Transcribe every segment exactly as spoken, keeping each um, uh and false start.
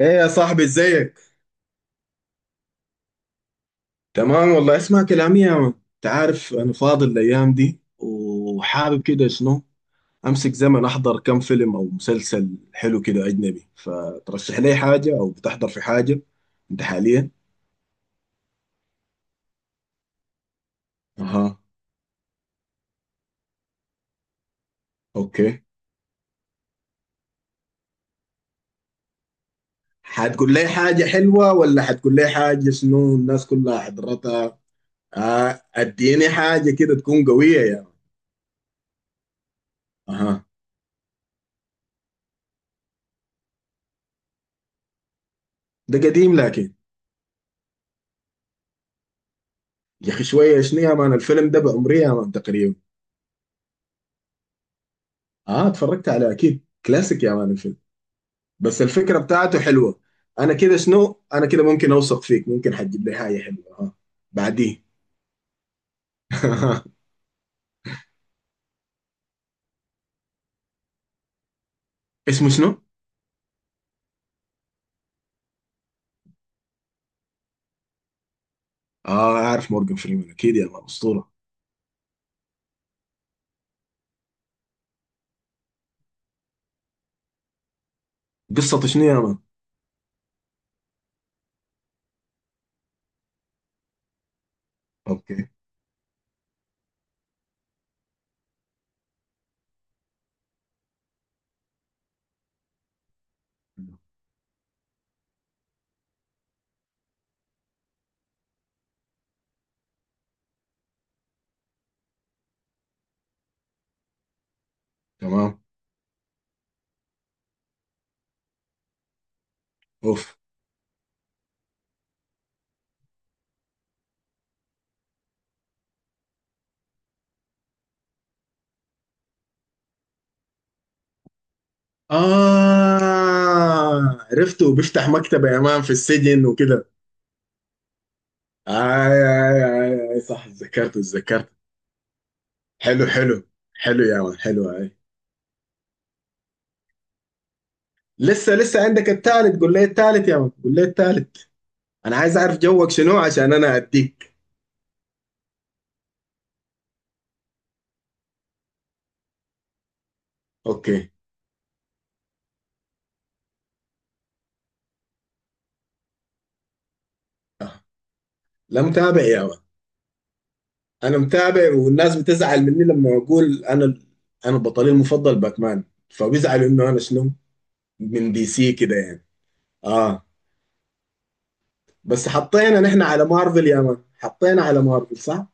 ايه يا صاحبي، ازيك؟ تمام والله، اسمع كلامي يا مان. انت عارف انا فاضي الايام دي، وحابب كده شنو، امسك زمن احضر كم فيلم او مسلسل حلو كده اجنبي، فترشح لي حاجه او بتحضر في حاجه انت حاليا؟ اها. اوكي. حتقول لي حاجه حلوه، ولا حتقول لي حاجه شنو الناس كلها حضرتها؟ آه، اديني حاجه كده تكون قويه يا مان. اها. ده قديم لكن. يا اخي شويه شنو يا مان، الفيلم ده بعمري يا مان تقريبا. اه اتفرجت على، اكيد كلاسيك يا مان الفيلم. بس الفكره بتاعته حلوه. انا كده شنو، انا كده ممكن اوثق فيك، ممكن حتجيب لي حاجه حلوه، اه. بعديه. اسمه شنو؟ اه، عارف مورجان فريمان، اكيد يا مان اسطوره. قصته شنو يا مان؟ اوكي. تمام. اوف. اه، عرفته بيفتح مكتبه يا مان في السجن وكده. آي آي. آي آي، صح، اتذكرت اتذكرت. حلو حلو. حلو يا مان حلو، آي. لسه لسه عندك الثالث، قول لي الثالث يا مان، قول لي الثالث. انا عايز اعرف جوك شنو عشان انا اديك. اوكي. آه. لا، متابع يا ولد. انا متابع، والناس بتزعل مني لما اقول انا. انا بطلي المفضل باتمان. فبيزعلوا انه انا شنو، من دي سي كده يعني. اه. بس حطينا نحن على مارفل يا مان، حطينا على مارفل، صح.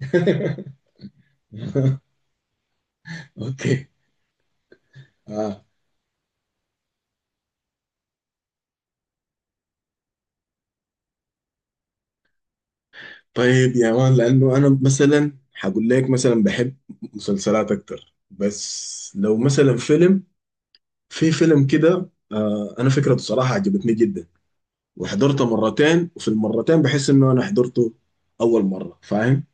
اوكي. اه. طيب يا مان، لانه انا مثلا حقول لك مثلا بحب مسلسلات اكتر، بس لو مثلا فيلم، في فيلم كده، آه انا فكرته صراحة عجبتني جدا. وحضرته مرتين، وفي المرتين بحس انه انا حضرته اول مره، فاهم.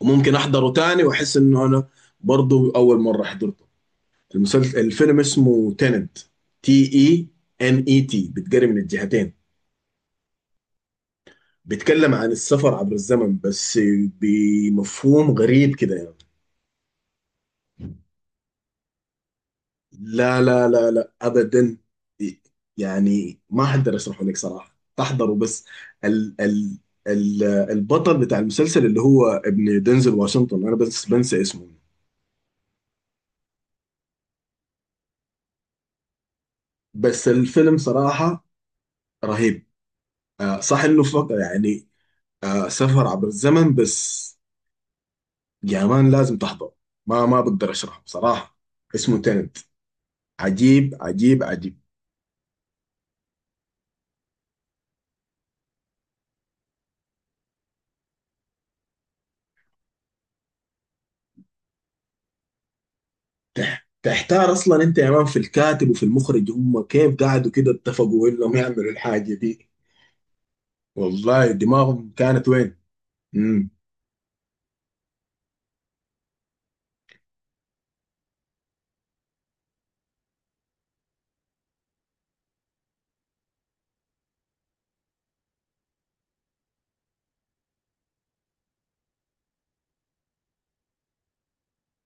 وممكن احضره تاني واحس انه انا برضه اول مره حضرته. المسلسل الفيلم اسمه تيننت. تي اي ان اي تي، بتقري من الجهتين. بيتكلم عن السفر عبر الزمن، بس بمفهوم غريب كده يعني. لا لا لا لا، ابدا. يعني ما اقدر اشرحه لك صراحه، احضره بس. ال ال ال البطل بتاع المسلسل اللي هو ابن دنزل واشنطن، انا بس بنسى اسمه. بس الفيلم صراحه رهيب. آه صح، انه فقط يعني آه، سفر عبر الزمن بس. يا مان لازم تحضره. ما ما بقدر اشرحه بصراحه. اسمه تنت. عجيب عجيب عجيب. تحتار اصلا انت يا مان في الكاتب وفي المخرج، هم كيف قعدوا كده اتفقوا انهم يعملوا الحاجه دي. والله دماغهم كانت وين. امم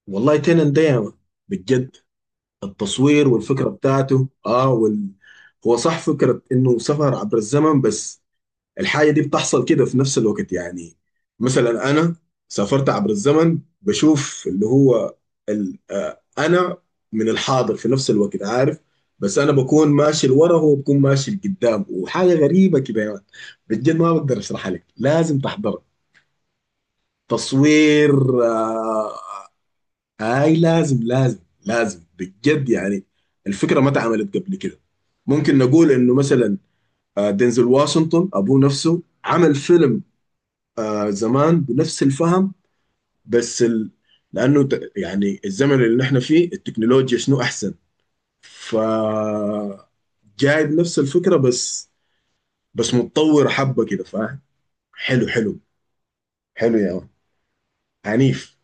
والله تنن ده يا مان، بجد. التصوير والفكره بتاعته. اه وال... هو صح، فكره انه سفر عبر الزمن بس، الحاجة دي بتحصل كده في نفس الوقت يعني. مثلا أنا سافرت عبر الزمن، بشوف اللي هو ال- آه، أنا من الحاضر في نفس الوقت، عارف. بس أنا بكون ماشي لورا، وهو بكون ماشي لقدام، وحاجة غريبة كده يعني. بجد ما بقدر أشرحها لك، لازم تحضرها. تصوير. آه، هاي لازم لازم. لازم بجد يعني. الفكرة ما اتعملت قبل كده. ممكن نقول إنه مثلا آه، دينزل واشنطن أبوه نفسه عمل فيلم آه زمان بنفس الفهم. بس ال... لانه ت- يعني الزمن اللي نحن فيه التكنولوجيا شنو احسن. ف جايب نفس الفكره، بس بس متطور حبه كده، فاهم. حلو حلو. حلو يا مان. عنيف.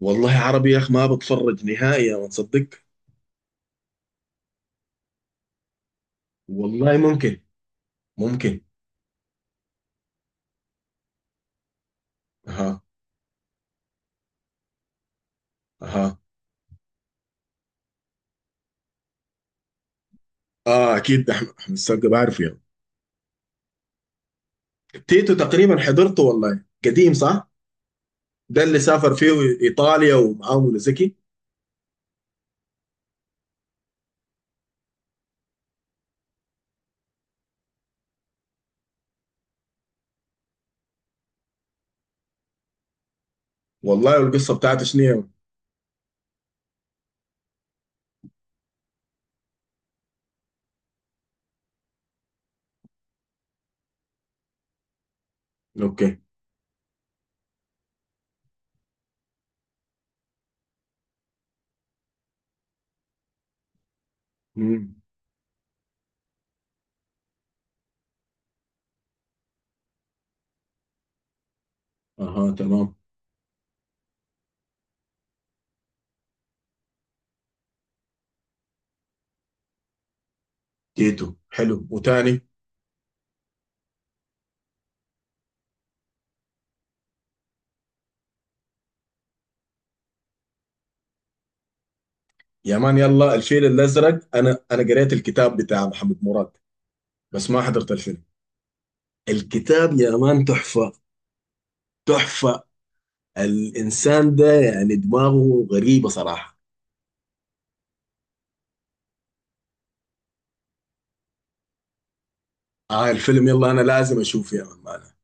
والله عربي يا اخ، ما بتفرج نهائي يا مان، تصدق. والله ممكن. ممكن. اها اها. اه اكيد، ده احمد أحمد السقا بعرفه يا مان. تيتو تقريبا حضرته والله، قديم صح؟ ده اللي سافر فيه ايطاليا ومعاه منى زكي. والله القصة بتاعت شنو. اوكي. امم. اها تمام. تيتو حلو، وتاني. يا مان يلا الفيل الازرق، انا انا قريت الكتاب بتاع محمد مراد، بس ما حضرت الفيلم. الكتاب يا مان تحفة. تحفة. الانسان ده يعني دماغه غريبة صراحة. اه الفيلم يلا، انا لازم اشوفه يا مان معنى.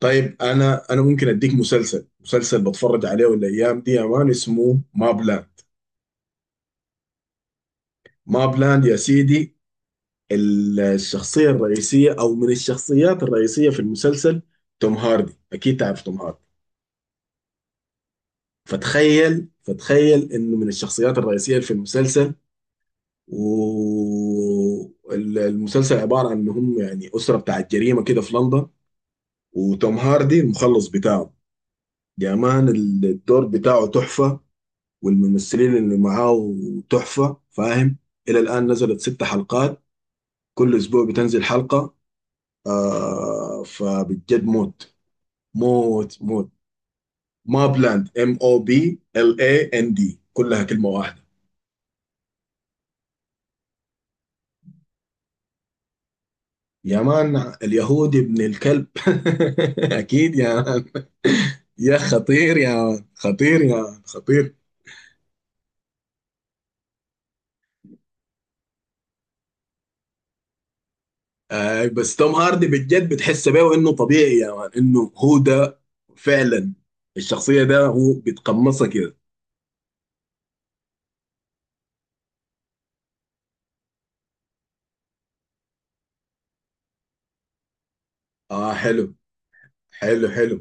طيب انا انا ممكن اديك مسلسل مسلسل بتفرج عليه الايام دي يا مان، اسمه ما بلاند. ما بلاند يا سيدي. الشخصية الرئيسية أو من الشخصيات الرئيسية في المسلسل توم هاردي، أكيد تعرف توم هاردي. فتخيل فتخيل إنه من الشخصيات الرئيسية في المسلسل. والمسلسل عبارة عن إنهم يعني أسرة بتاعت جريمة كده في لندن، وتوم هاردي المخلص بتاعه. يا مان الدور بتاعه تحفة. والممثلين اللي معاه تحفة، فاهم. إلى الآن نزلت ست حلقات. كل أسبوع بتنزل حلقة. آه فبجد موت، موت موت. ما بلاند، ام او بي ال اي ان دي، كلها كلمه واحده. يا مان، اليهودي ابن الكلب. اكيد يا مان. يا خطير يا مان، خطير يا مان، خطير. آه بس توم هاردي بجد، بتحس بيه انه طبيعي يا مان، انه هو ده. فعلا الشخصيه ده هو بيتقمصها كده. اه حلو. حلو حلو.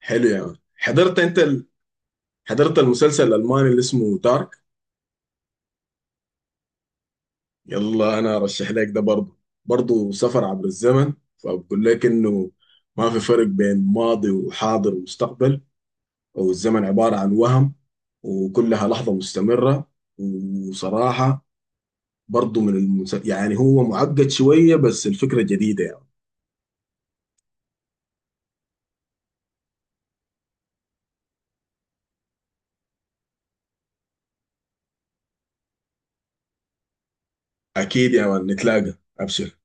حلو يا مان، حضرت انت ال... حضرت المسلسل الالماني اللي اسمه دارك؟ يلا انا ارشح لك ده برضه. برضه سفر عبر الزمن. فبقول لك انه ما في فرق بين ماضي وحاضر ومستقبل، او الزمن عبارة عن وهم، وكلها لحظة مستمرة. وصراحة برضه من المس... يعني هو معقد شوية، بس الفكرة جديدة يعني. اكيد يا مان نتلاقى ابشر.